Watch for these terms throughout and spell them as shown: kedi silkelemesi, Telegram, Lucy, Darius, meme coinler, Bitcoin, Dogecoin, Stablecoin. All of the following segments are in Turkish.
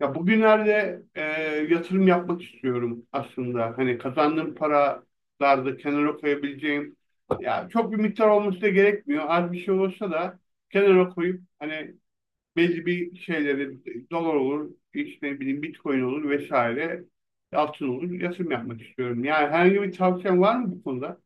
Ya bugünlerde yatırım yapmak istiyorum aslında. Hani kazandığım paralarda kenara koyabileceğim. Ya çok bir miktar olması da gerekmiyor. Az bir şey olsa da kenara koyup hani belli bir şeyleri dolar olur, işte ne bileyim Bitcoin olur vesaire altın olur yatırım yapmak istiyorum. Yani herhangi bir tavsiyen var mı bu konuda?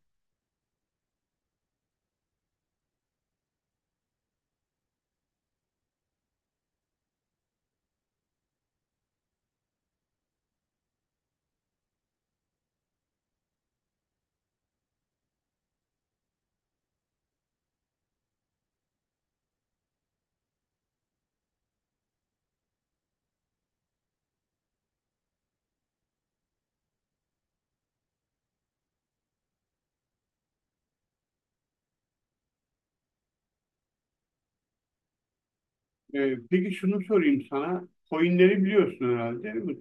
Peki şunu sorayım sana. Coinleri biliyorsun herhalde değil mi?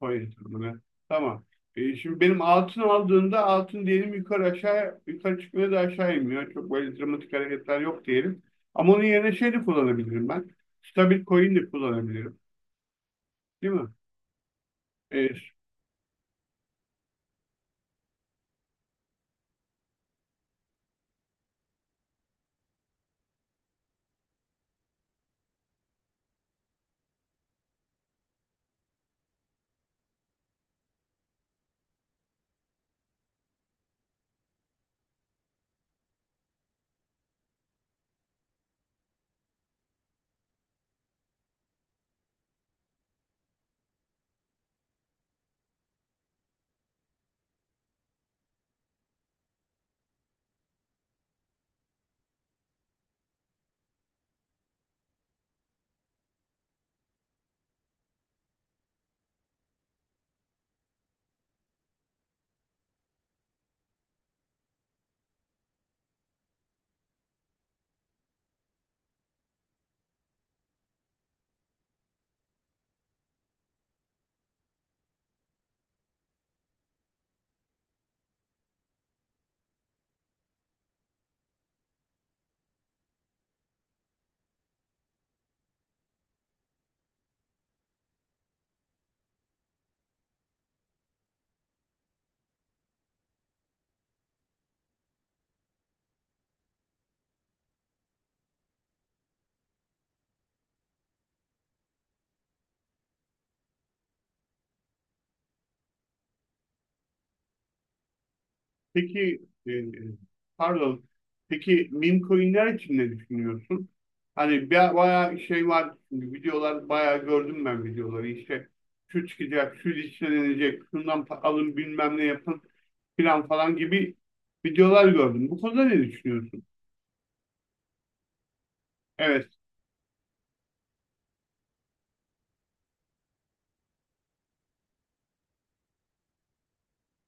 Konya turuna. Tamam. Şimdi benim altın aldığında altın diyelim yukarı aşağı yukarı çıkmıyor da aşağı inmiyor. Çok böyle dramatik hareketler yok diyelim. Ama onun yerine şey de kullanabilirim ben. Stabil coin de kullanabilirim. Değil mi? E, peki e, pardon. Peki meme coinler için ne düşünüyorsun? Hani bayağı şey var. Şimdi videolar bayağı gördüm ben videoları. İşte şu çıkacak, şu listelenecek, şundan alın bilmem ne yapın, filan falan gibi videolar gördüm. Bu konuda ne düşünüyorsun? Evet.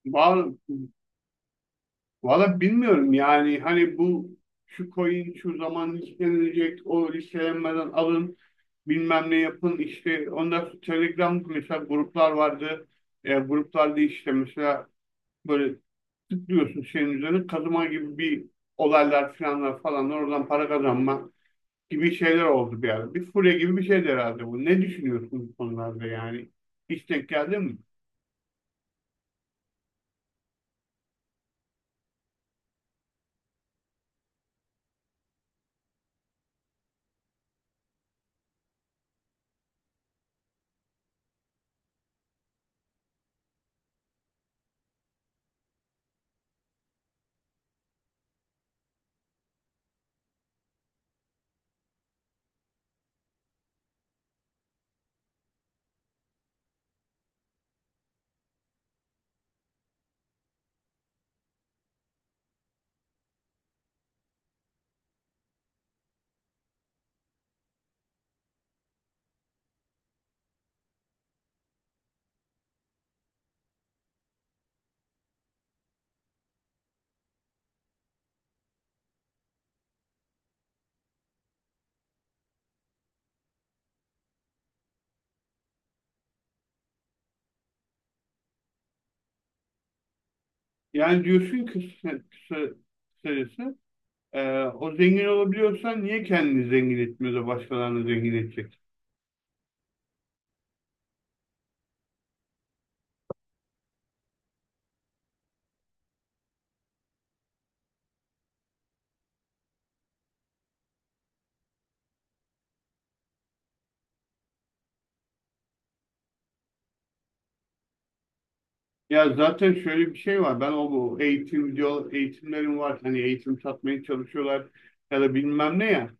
Var, valla bilmiyorum yani hani bu şu coin şu zaman listelenecek o listelenmeden alın bilmem ne yapın işte ondan sonra Telegram mesela gruplar vardı. Gruplarda işte mesela böyle tıklıyorsun şeyin üzerine kazıma gibi bir olaylar filanlar falanlar oradan para kazanma gibi şeyler oldu bir ara. Bir furya gibi bir şeydi herhalde bu. Ne düşünüyorsun bu konularda yani? Hiç denk geldi mi? Yani diyorsun ki kısa, kısa- kısacası, o zengin olabiliyorsan niye kendini zengin etmiyor da başkalarını zengin edecek? Ya zaten şöyle bir şey var. Ben bu eğitim video eğitimlerim var. Hani eğitim satmaya çalışıyorlar ya da bilmem ne ya.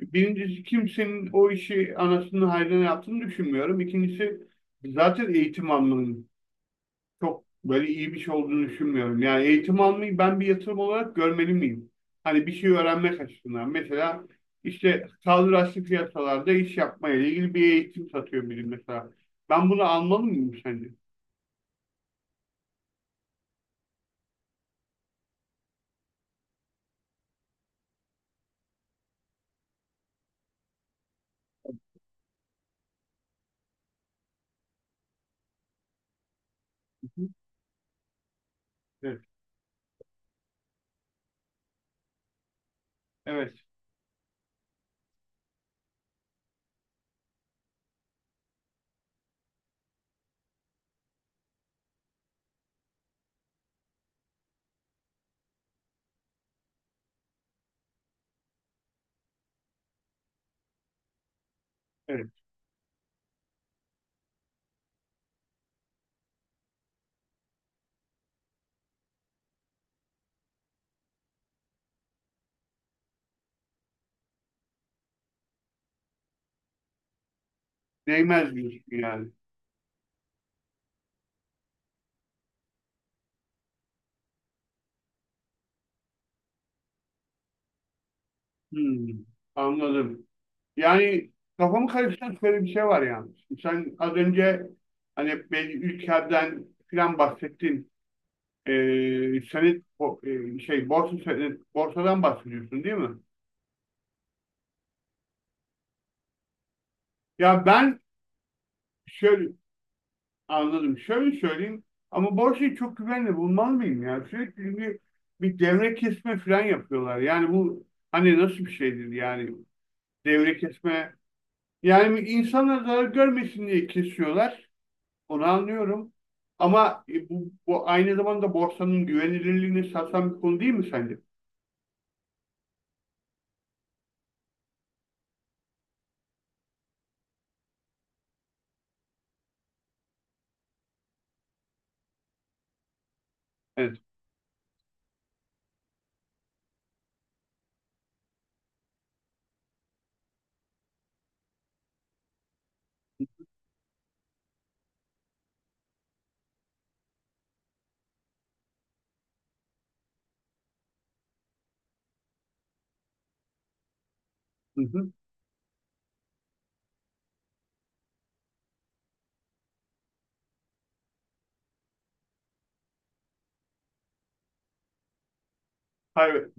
Birincisi kimsenin o işi anasını hayrına yaptığını düşünmüyorum. İkincisi zaten eğitim almanın çok böyle iyi bir şey olduğunu düşünmüyorum. Yani eğitim almayı ben bir yatırım olarak görmeli miyim? Hani bir şey öğrenmek açısından. Mesela işte kaldıraçlı piyasalarda iş yapmaya ilgili bir eğitim satıyor biri mesela. Ben bunu almalı mıyım sence? Hı hı. Evet. Evet. Evet. Değmez diyorsun yani. Hmm, anladım. Yani kafamı karıştıran şöyle bir şey var yani. Sen az önce hani belli ülkeden filan bahsettin. E, senet o, e, şey borsa senet, borsadan bahsediyorsun değil mi? Ya ben şöyle anladım. Şöyle söyleyeyim ama borsayı çok güvenli bulmalı mıyım ya? Sürekli çünkü bir devre kesme falan yapıyorlar. Yani bu hani nasıl bir şeydir yani devre kesme yani bir insanlar zarar görmesin diye kesiyorlar. Onu anlıyorum. Ama bu aynı zamanda borsanın güvenilirliğini sarsan bir konu değil mi sence? Evet. Hı hı. Hayır.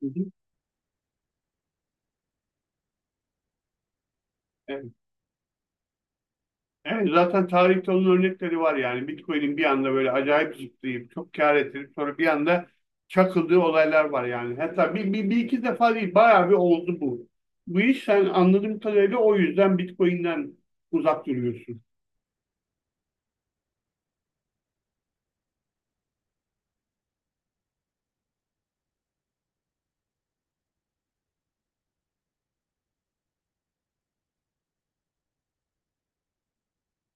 Hı hı. Evet. Evet, zaten tarihte onun örnekleri var yani. Bitcoin'in bir anda böyle acayip zıplayıp çok kâr ettirip sonra bir anda çakıldığı olaylar var yani. Hatta bir iki defa değil bayağı bir oldu bu. Bu iş sen anladığım kadarıyla o yüzden Bitcoin'den uzak duruyorsun.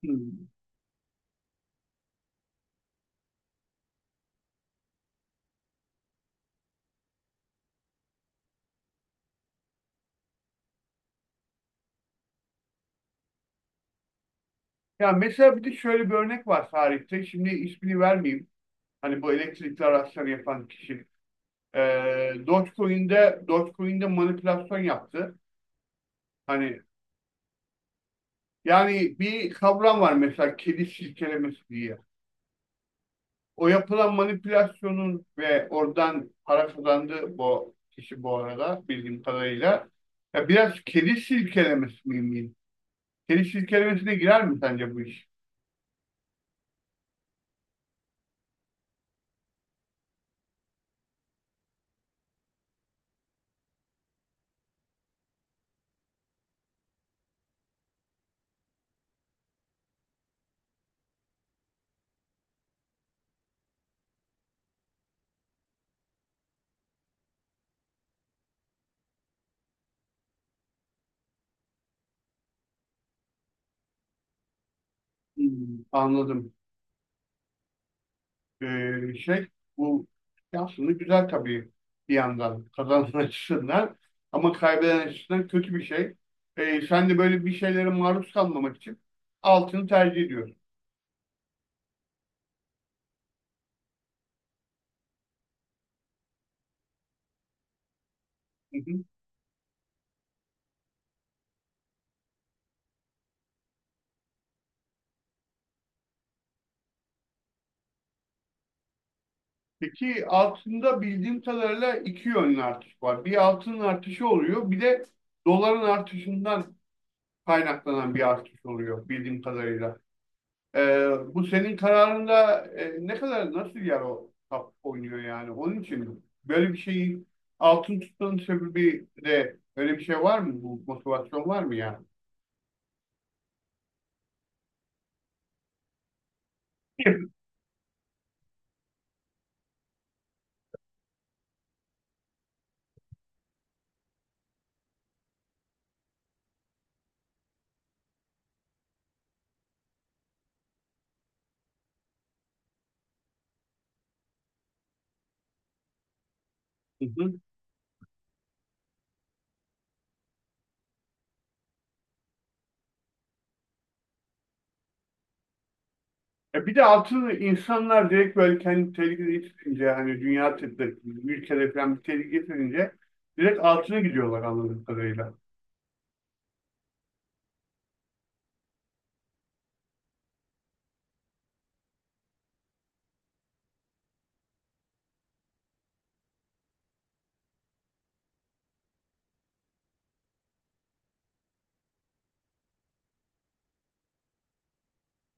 Hmm. Ya mesela bir de şöyle bir örnek var tarihte. Şimdi ismini vermeyeyim. Hani bu elektrikli araçları yapan kişi. Dogecoin'de manipülasyon yaptı. Hani yani bir kavram var mesela kedi silkelemesi diye. O yapılan manipülasyonun ve oradan para kazandığı bu kişi bu arada bildiğim kadarıyla ya biraz kedi silkelemesi miyim? Kedi silkelemesine girer mi sence bu iş? Hmm, anladım. Şey bu şey aslında güzel tabii bir yandan kazanan açısından ama kaybeden açısından kötü bir şey. Sen de böyle bir şeylere maruz kalmamak için altını tercih ediyorsun. Peki altında bildiğim kadarıyla iki yönlü artış var. Bir altının artışı oluyor, bir de doların artışından kaynaklanan bir artış oluyor bildiğim kadarıyla. Ee, bu senin kararında ne kadar nasıl yer o tap oynuyor yani? Onun için böyle bir şeyi altın tutmanın sebebi de öyle bir şey var mı? Bu motivasyon var mı yani? Hı hı. E bir de altını insanlar direkt böyle kendi tehlikede getirince hani dünya tıbbı ülkede falan bir tehlike getirince direkt altına gidiyorlar anladığım kadarıyla.